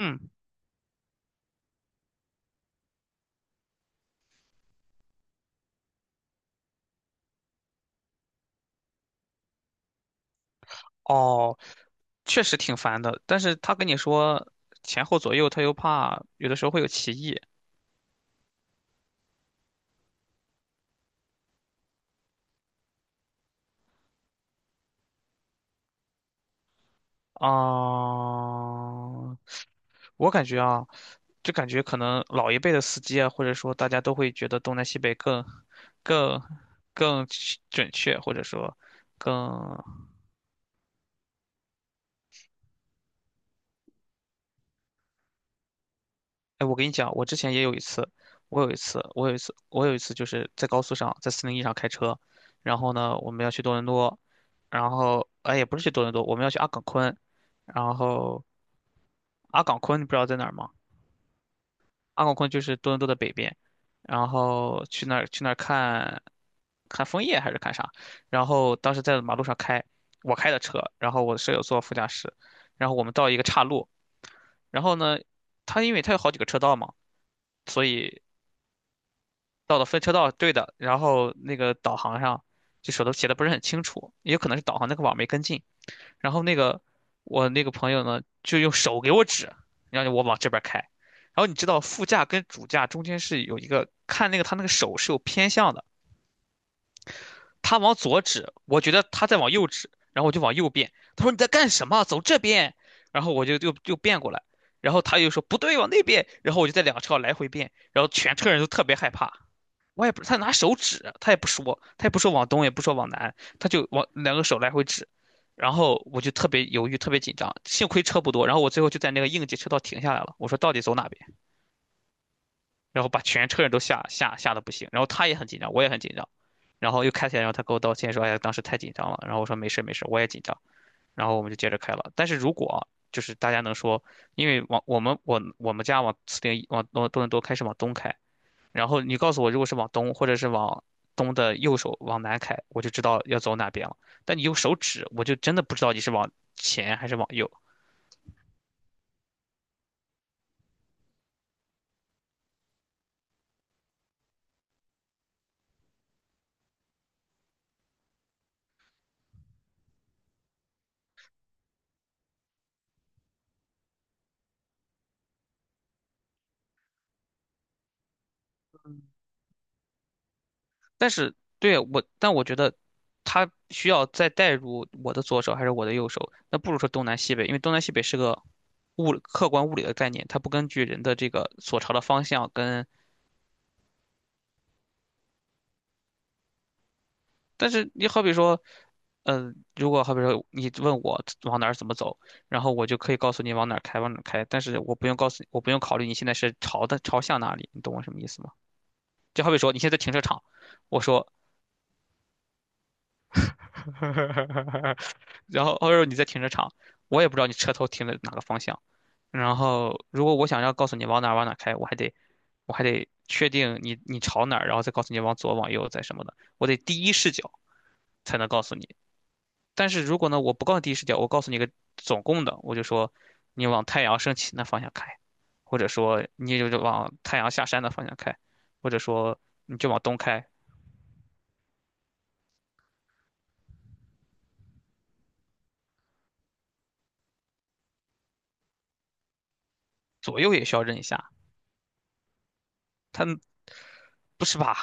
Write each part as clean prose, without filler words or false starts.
嗯，哦，确实挺烦的，但是他跟你说前后左右，他又怕有的时候会有歧义啊。我感觉啊，就感觉可能老一辈的司机啊，或者说大家都会觉得东南西北更、更准确，或者说更。哎，我跟你讲，我之前也有一次，我有一次，我有一次，我有一次就是在高速上，在四零一上开车，然后呢，我们要去多伦多，然后哎，也不是去多伦多，我们要去阿岗昆，然后阿岗昆你不知道在哪儿吗？阿岗昆就是多伦多的北边，然后去那儿看，看枫叶还是看啥？然后当时在马路上开，我开的车，然后我的舍友坐副驾驶，然后我们到一个岔路，然后呢，因为他有好几个车道嘛。所以到了分车道，对的，然后那个导航上就手头写的不是很清楚，也有可能是导航那个网没跟进。然后我那个朋友呢，就用手给我指，让我往这边开。然后你知道副驾跟主驾中间是有一个看那个他那个手是有偏向的，他往左指，我觉得他在往右指，然后我就往右变。他说你在干什么？走这边。然后我就又变过来，然后他又说不对，往那边。然后我就在两车道来回变，然后全车人都特别害怕。我也不，他拿手指，他也不说，他也不说往东，也不说往南，他就往两个手来回指，然后我就特别犹豫，特别紧张，幸亏车不多，然后我最后就在那个应急车道停下来了，我说到底走哪边，然后把全车人都吓得不行，然后他也很紧张，我也很紧张，然后又开起来，然后他给我道歉说，哎呀，当时太紧张了，然后我说没事没事，我也紧张，然后我们就接着开了，但是如果就是大家能说，因为往我们家往四零一往多伦多开是往东开，然后你告诉我，如果是往东，或者是往东的右手往南开，我就知道要走哪边了。但你用手指，我就真的不知道你是往前还是往右。但是对我，但我觉得它需要再带入我的左手还是我的右手，那不如说东南西北，因为东南西北是个客观物理的概念，它不根据人的这个所朝的方向跟但是你好比说，如果好比说你问我往哪儿怎么走，然后我就可以告诉你往哪儿开，往哪儿开，但是我不用告诉你，我不用考虑你现在是朝向哪里，你懂我什么意思吗？就好比说你现在在停车场，我说，然后或者说你在停车场，我也不知道你车头停在哪个方向，然后如果我想要告诉你往哪儿往哪儿开，我还得确定你朝哪儿，然后再告诉你往左往右再什么的，我得第一视角才能告诉你。但是如果呢，我不告诉你第一视角，我告诉你一个总共的，我就说你往太阳升起那方向开，或者说你就往太阳下山的方向开，或者说你就往东开，左右也需要认一下。它不是吧？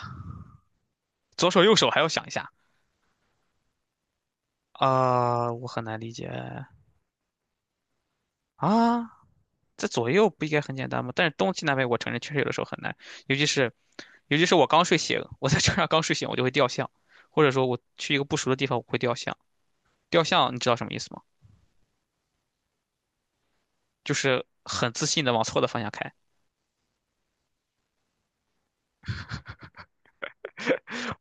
左手右手还要想一下啊、我很难理解啊。这左右不应该很简单吗？但是东西南北，我承认确实有的时候很难，尤其是尤其是我刚睡醒，我在车上刚睡醒，我就会掉项，或者说我去一个不熟的地方，我会掉项。掉项你知道什么意思吗？就是很自信的往错的方向开，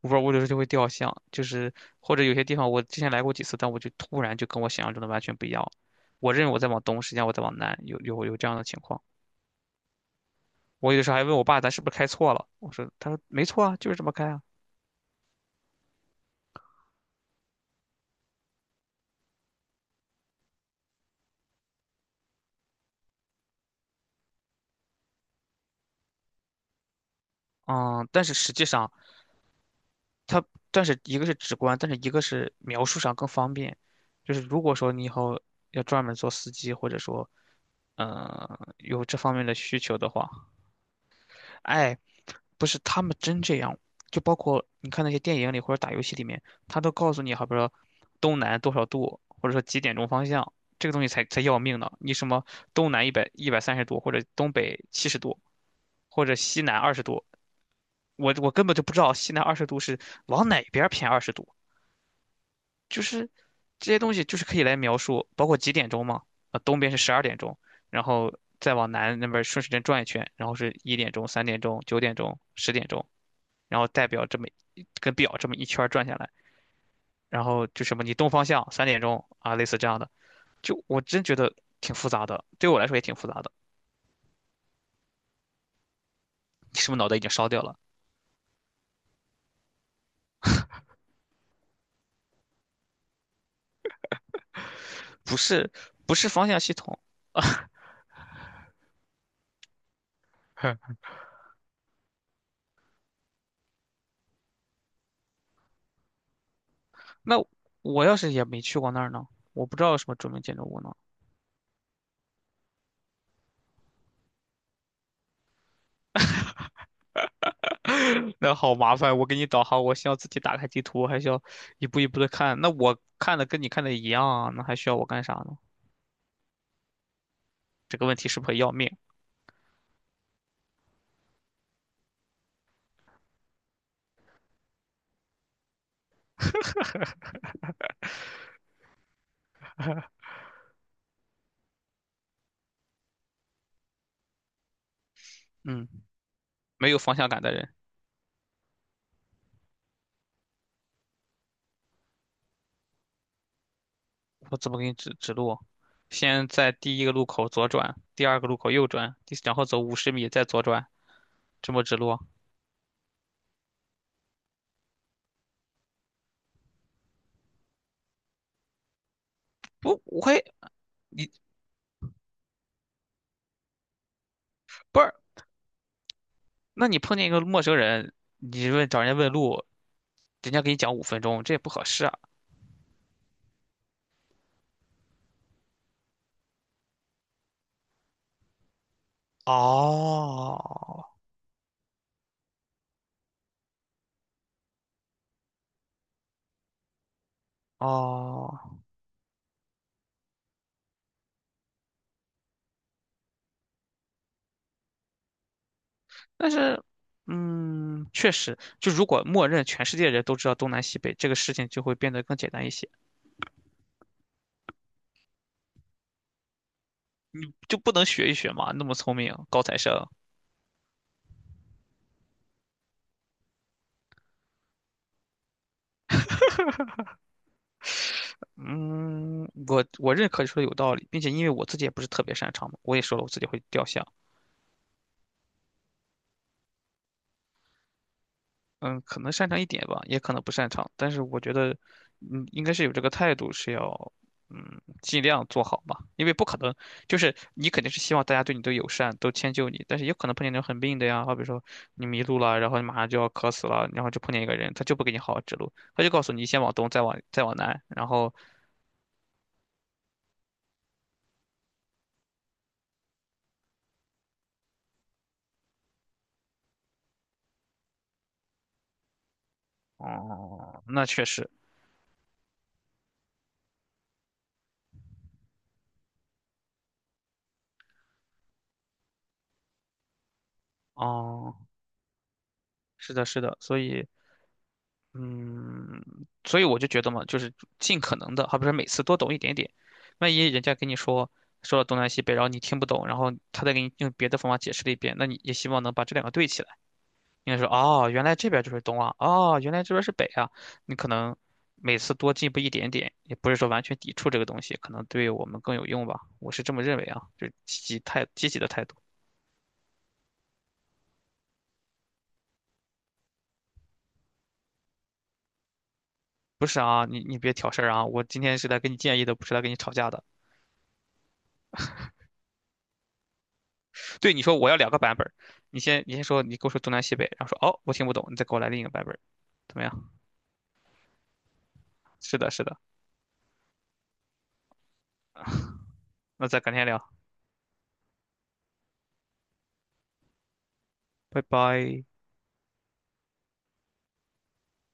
我有时候就会掉向，就是或者有些地方我之前来过几次，但我就突然就跟我想象中的完全不一样。我认为我在往东，实际上我在往南，有这样的情况。我有的时候还问我爸，咱是不是开错了？我说，他说没错啊，就是这么开啊。嗯，但是实际上它，但是一个是直观，但是一个是描述上更方便。就是如果说你以后要专门做司机，或者说，有这方面的需求的话，哎，不是他们真这样，就包括你看那些电影里或者打游戏里面，他都告诉你，好比说东南多少度，或者说几点钟方向，这个东西才要命呢。你什么东南一百三十度，或者东北70度，或者西南二十度，我根本就不知道西南二十度是往哪边偏二十度，就是这些东西就是可以来描述，包括几点钟嘛，东边是12点钟，然后再往南那边顺时针转一圈，然后是1点钟、三点钟、9点钟、10点钟。然后代表这么一跟表这么一圈儿转下来，然后就什么你东方向三点钟啊，类似这样的，就我真觉得挺复杂的，对我来说也挺复杂的。你是不是脑袋已经烧掉了？不是，不是方向系统。那我要是也没去过那儿呢？我不知道有什么著名建筑物呢。那好麻烦，我给你导航，我需要自己打开地图，还需要一步一步的看。那我看的跟你看的一样啊，那还需要我干啥呢？这个问题是不是很要命？嗯，没有方向感的人。我怎么给你指指路？先在第一个路口左转，第二个路口右转，然后走50米再左转，这么指路？不，我会你不是？那你碰见一个陌生人，你问找人家问路，人家给你讲5分钟，这也不合适啊。哦哦，但是，确实，就如果默认全世界人都知道东南西北，这个事情就会变得更简单一些，就不能学一学嘛？那么聪明，高材生。嗯，我认可你说的有道理，并且因为我自己也不是特别擅长嘛，我也说了我自己会掉像，嗯，可能擅长一点吧，也可能不擅长，但是我觉得，应该是有这个态度，是要，尽量做好吧，因为不可能，就是你肯定是希望大家对你都友善，都迁就你，但是也可能碰见那种很病的呀，好比说你迷路了，然后你马上就要渴死了，然后就碰见一个人，他就不给你好好指路，他就告诉你先往东，再往南，然后，哦，那确实，哦。是的，是的，所以，嗯，所以我就觉得嘛，就是尽可能的，而不是每次多懂一点点。万一人家跟你说了东南西北，然后你听不懂，然后他再给你用别的方法解释了一遍，那你也希望能把这两个对起来。应该说，哦，原来这边就是东啊，哦，原来这边是北啊。你可能每次多进步一点点，也不是说完全抵触这个东西，可能对我们更有用吧。我是这么认为啊，就是积极的态度。不是啊，你别挑事儿啊，我今天是来给你建议的，不是来跟你吵架的。对，你说我要两个版本儿，你先说，你跟我说东南西北，然后说哦，我听不懂，你再给我来另一个版本儿，怎么样？是的，是的，那再改天聊，拜拜。